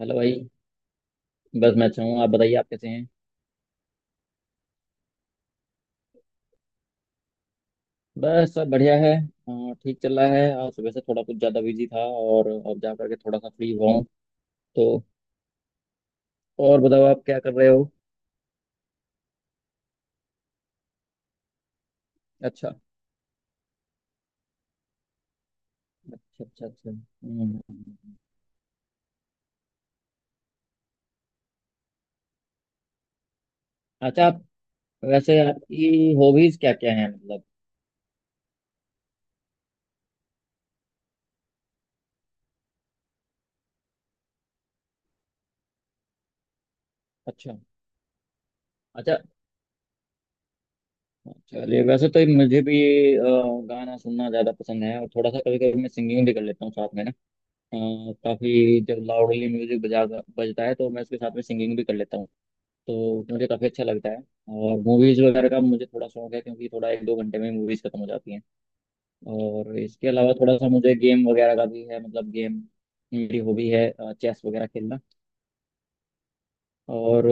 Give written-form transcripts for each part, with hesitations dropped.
Hello भाई। बस मैं अच्छा हूँ। आप बताइए आप कैसे हैं। बस सब बढ़िया है। ठीक चल रहा है। आज सुबह से थोड़ा कुछ ज़्यादा बिजी था और अब जा करके थोड़ा सा फ्री हुआ हूँ। तो और बताओ आप क्या कर रहे हो। अच्छा अच्छा अच्छा। अच्छा। हम्म। अच्छा। आप वैसे आपकी हॉबीज़ क्या क्या हैं मतलब। अच्छा। अच्छा। चलिए वैसे तो मुझे भी अ, गाना सुनना ज़्यादा पसंद है और थोड़ा सा कभी कभी मैं सिंगिंग भी कर लेता हूँ साथ में ना। हाँ, काफी जब लाउडली म्यूजिक बजा बजता है तो मैं उसके साथ में सिंगिंग भी कर लेता हूँ। तो मुझे काफी अच्छा लगता है। और मूवीज वगैरह का मुझे थोड़ा शौक है क्योंकि थोड़ा एक दो घंटे में मूवीज खत्म हो जाती हैं। और इसके अलावा थोड़ा सा मुझे गेम वगैरह का भी है। मतलब गेम मेरी हॉबी है। चेस वगैरह खेलना। और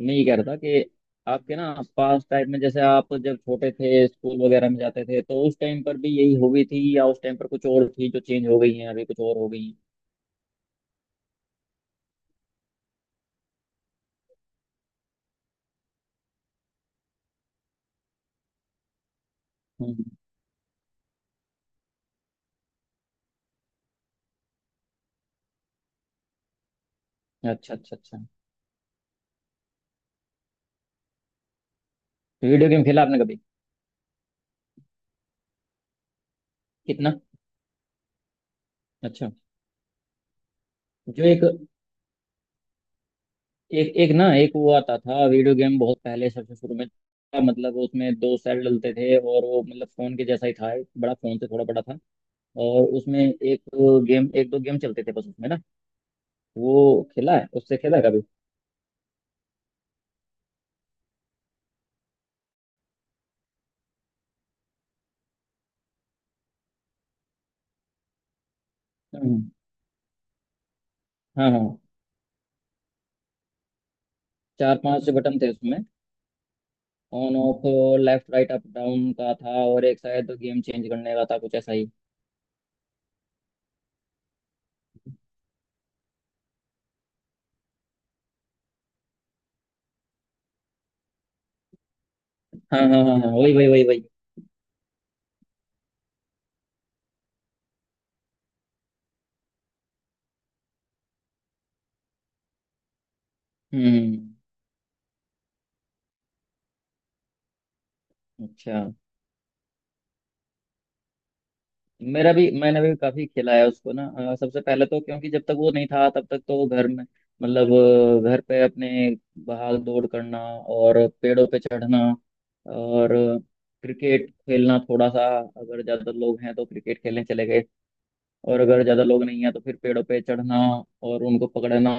मैं ये कह रहा था कि आपके ना पास टाइम में जैसे आप जब छोटे थे स्कूल वगैरह में जाते थे तो उस टाइम पर भी यही हॉबी थी या उस टाइम पर कुछ और थी जो चेंज हो गई है अभी कुछ और हो गई है। हम्म। अच्छा अच्छा अच्छा। वीडियो गेम खेला आपने कभी। कितना। अच्छा। जो एक एक एक ना एक वो आता था वीडियो गेम बहुत पहले सबसे शुरू में था, मतलब उसमें दो सेल डलते थे और वो मतलब फोन के जैसा ही था एक बड़ा फोन से थोड़ा बड़ा था। और उसमें एक गेम एक दो गेम चलते थे बस उसमें ना। वो खेला है। उससे खेला है कभी। हम्म। हाँ हाँ। चार पांच बटन थे उसमें। On off left right up down का था और एक शायद गेम चेंज करने का था कुछ ऐसा ही। हाँ हाँ हाँ हाँ वही वही वही वही। हम्म। अच्छा। मेरा भी मैंने भी काफी खिलाया उसको ना। सबसे पहले तो क्योंकि जब तक वो नहीं था तब तक तो वो घर में मतलब घर पे अपने भाग दौड़ करना और पेड़ों पे चढ़ना। और क्रिकेट खेलना। थोड़ा सा अगर ज्यादा लोग हैं तो क्रिकेट खेलने चले गए और अगर ज्यादा लोग नहीं है तो फिर पेड़ों पे चढ़ना और उनको पकड़ना।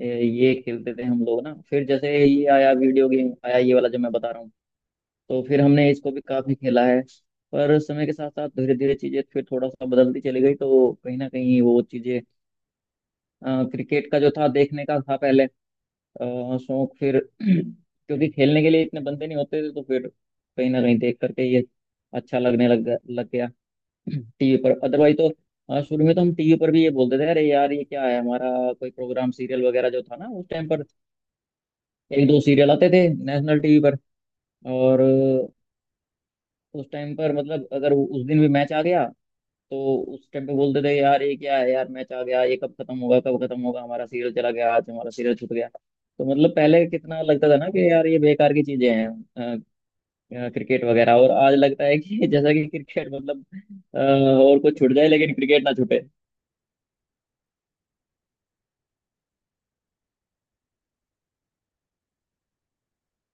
ये खेलते थे हम लोग ना। फिर जैसे ये आया वीडियो गेम आया ये वाला जो मैं बता रहा हूँ। तो फिर हमने इसको भी काफी खेला है। पर समय के साथ साथ धीरे धीरे चीजें फिर थोड़ा सा बदलती चली गई तो कहीं ना कहीं वो चीजें क्रिकेट का जो था देखने का था पहले शौक फिर क्योंकि खेलने के लिए इतने बंदे नहीं होते थे तो फिर कहीं ना कहीं देख करके ये अच्छा लगने लग गया लग गया। टीवी पर अदरवाइज तो शुरू में तो हम टीवी पर भी ये बोलते थे अरे यार ये क्या है हमारा कोई प्रोग्राम सीरियल वगैरह जो था ना उस टाइम पर। एक दो सीरियल आते थे नेशनल टीवी पर। और उस टाइम पर मतलब अगर उस दिन भी मैच आ गया तो उस टाइम पे बोलते थे यार ये क्या है यार मैच आ गया ये कब खत्म होगा हमारा सीरियल चला गया आज हमारा सीरियल छूट गया। तो मतलब पहले कितना लगता था ना कि यार ये बेकार की चीजें हैं क्रिकेट वगैरह और आज लगता है कि जैसा कि क्रिकेट मतलब और कुछ छूट जाए लेकिन क्रिकेट ना छूटे।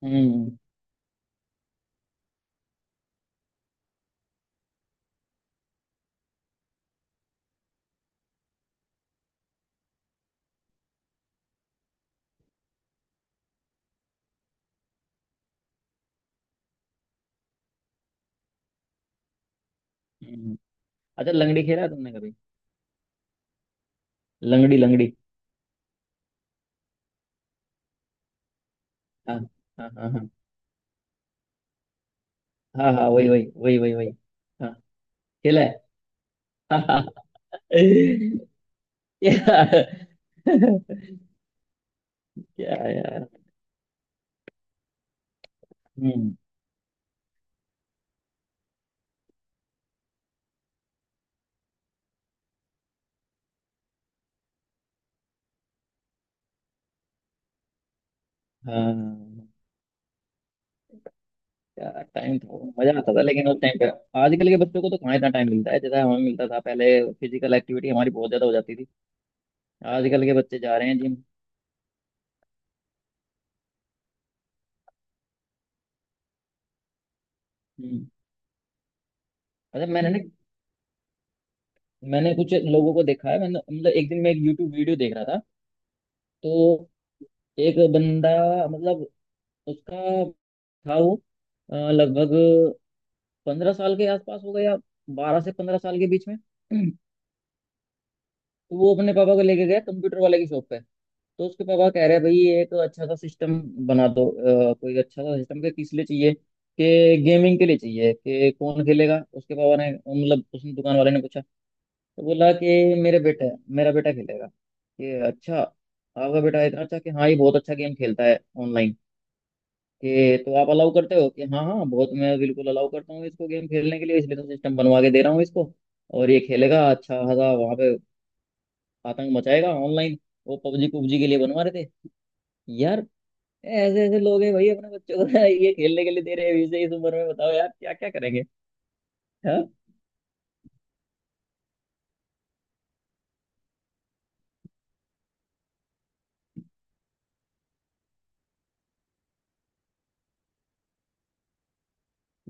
हम्म। हम्म। अच्छा। लंगड़ी खेला है तुमने कभी। लंगड़ी लंगड़ी। हाँ हाँ हाँ हाँ हाँ हाँ वही वही वही वही वही। हाँ। खेला है। हाँ हाँ। क्या। क्या यार। हम्म। हाँ यार टाइम तो मजा आता था लेकिन उस टाइम पे आजकल के बच्चों को तो कहाँ इतना टाइम मिलता है जैसा हमें मिलता था पहले। फिजिकल एक्टिविटी हमारी बहुत ज्यादा हो जाती थी। आजकल के बच्चे जा रहे हैं जिम। हम्म। अच्छा। मैंने ना मैंने कुछ लोगों को देखा है। मैंने मतलब एक दिन मैं एक यूट्यूब वीडियो देख रहा था। तो एक बंदा मतलब उसका था वो लगभग पंद्रह साल के आसपास होगा या 12 से 15 साल के बीच में। तो वो अपने पापा को लेके गया कंप्यूटर वाले की शॉप पे। तो उसके पापा कह रहे हैं भाई ये एक अच्छा सा सिस्टम बना दो। कोई अच्छा सा सिस्टम के किस लिए चाहिए। कि गेमिंग के लिए चाहिए। कि कौन खेलेगा उसके पापा ने मतलब उसने दुकान वाले ने पूछा। तो बोला कि मेरे बेटा मेरा बेटा खेलेगा। कि अच्छा आपका बेटा इतना अच्छा। कि हाँ ये बहुत अच्छा गेम खेलता है ऑनलाइन। कि तो आप अलाउ करते हो। कि हाँ हाँ बहुत मैं बिल्कुल अलाउ करता हूँ इसको गेम खेलने के लिए इसलिए तो सिस्टम बनवा के दे रहा हूँ इसको। और ये खेलेगा अच्छा खासा वहाँ पे आतंक मचाएगा ऑनलाइन। वो पबजी पबजी के लिए बनवा रहे थे यार। ऐसे ऐसे लोग हैं भाई अपने बच्चों को ये खेलने के लिए दे रहे हैं अभी से इस उम्र में बताओ यार क्या क्या करेंगे। हाँ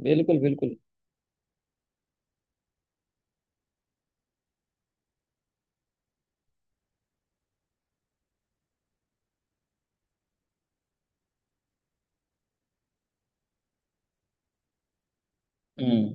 बिल्कुल बिल्कुल। हम्म।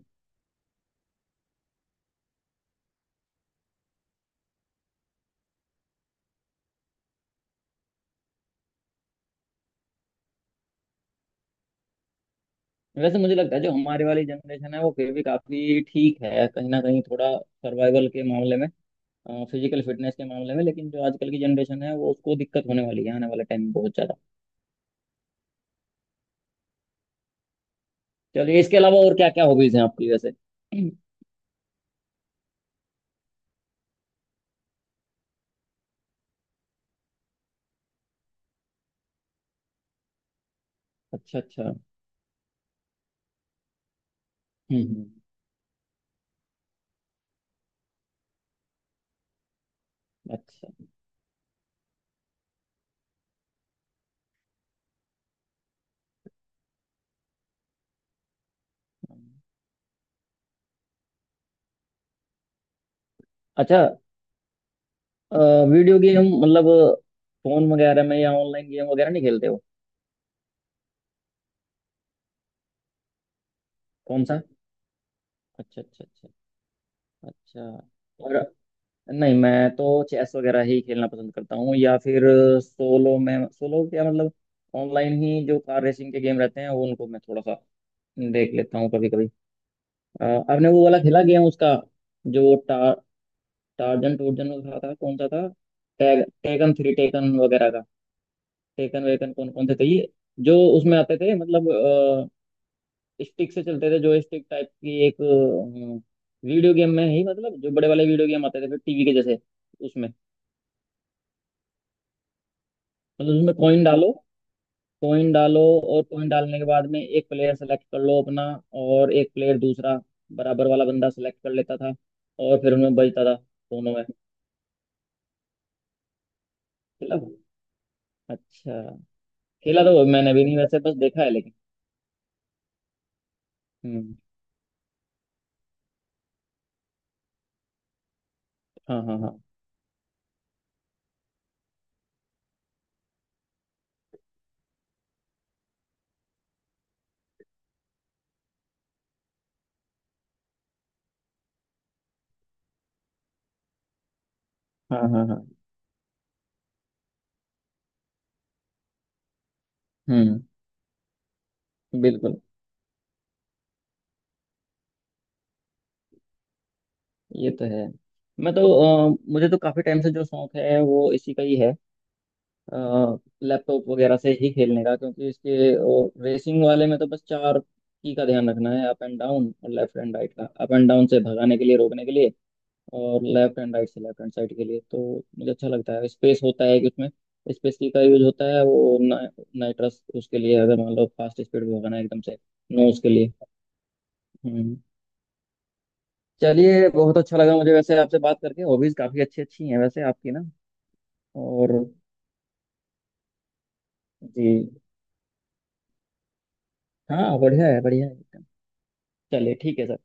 वैसे मुझे लगता है जो हमारे वाली जनरेशन है वो फिर भी काफी ठीक है कहीं ना कहीं थोड़ा सर्वाइवल के मामले में फिजिकल फिटनेस के मामले में। लेकिन जो आजकल की जनरेशन है वो उसको दिक्कत होने वाली है आने वाले टाइम में बहुत ज्यादा। चलिए इसके अलावा और क्या क्या हॉबीज हैं आपकी वैसे। अच्छा अच्छा। हम्म। अच्छा अच्छा। अ, वीडियो गेम मतलब फोन वगैरह में या ऑनलाइन गेम वगैरह नहीं खेलते हो। कौन सा। अच्छा अच्छा अच्छा। अच्छा। और। नहीं मैं तो चेस वगैरह ही खेलना पसंद करता हूँ या फिर सोलो में। सोलो क्या मतलब ऑनलाइन ही जो कार रेसिंग के गेम रहते हैं वो उनको मैं थोड़ा सा देख लेता हूँ कभी कभी। आपने वो वाला खेला गेम उसका जो टार्जन टूर्जन का था कौन सा था टैग टेकन 3 टेकन वगैरह का। टेकन वेकन कौन कौन से थे ये जो उसमें आते थे मतलब स्टिक से चलते थे जो स्टिक टाइप की एक वीडियो गेम में ही मतलब जो बड़े वाले वीडियो गेम आते थे फिर टीवी के जैसे उसमें। मतलब उसमें कॉइन डालो कॉइन डालो। और कॉइन डालने के बाद में एक प्लेयर सेलेक्ट कर लो अपना और एक प्लेयर दूसरा बराबर वाला बंदा सेलेक्ट कर लेता था। और फिर उनमें बजता था दोनों में। खेला। अच्छा। खेला तो मैंने भी नहीं वैसे बस देखा है लेकिन। हम्म। हाँ हाँ हाँ हाँ हाँ हाँ। हम्म। बिल्कुल। ये तो है। मैं तो मुझे तो काफी टाइम से जो शौक है वो इसी का ही है। लैपटॉप वगैरह से ही खेलने का क्योंकि इसके और रेसिंग वाले में तो बस चार की का ध्यान रखना है अप एंड डाउन और लेफ्ट एंड राइट का। अप एंड डाउन से भगाने के लिए रोकने के लिए और लेफ्ट एंड राइट से लेफ्ट हैंड साइड के लिए। तो मुझे अच्छा लगता है स्पेस होता है कि उसमें स्पेस की का यूज होता है वो नाइट्रस उसके लिए अगर मान लो फास्ट स्पीड में भगाना है एकदम से। नो उसके लिए। हम्म। चलिए बहुत अच्छा लगा मुझे वैसे आपसे बात करके। हॉबीज काफी अच्छी अच्छी हैं वैसे आपकी ना। और। जी। हाँ बढ़िया है एकदम। चलिए ठीक है सर।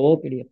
Okay dear.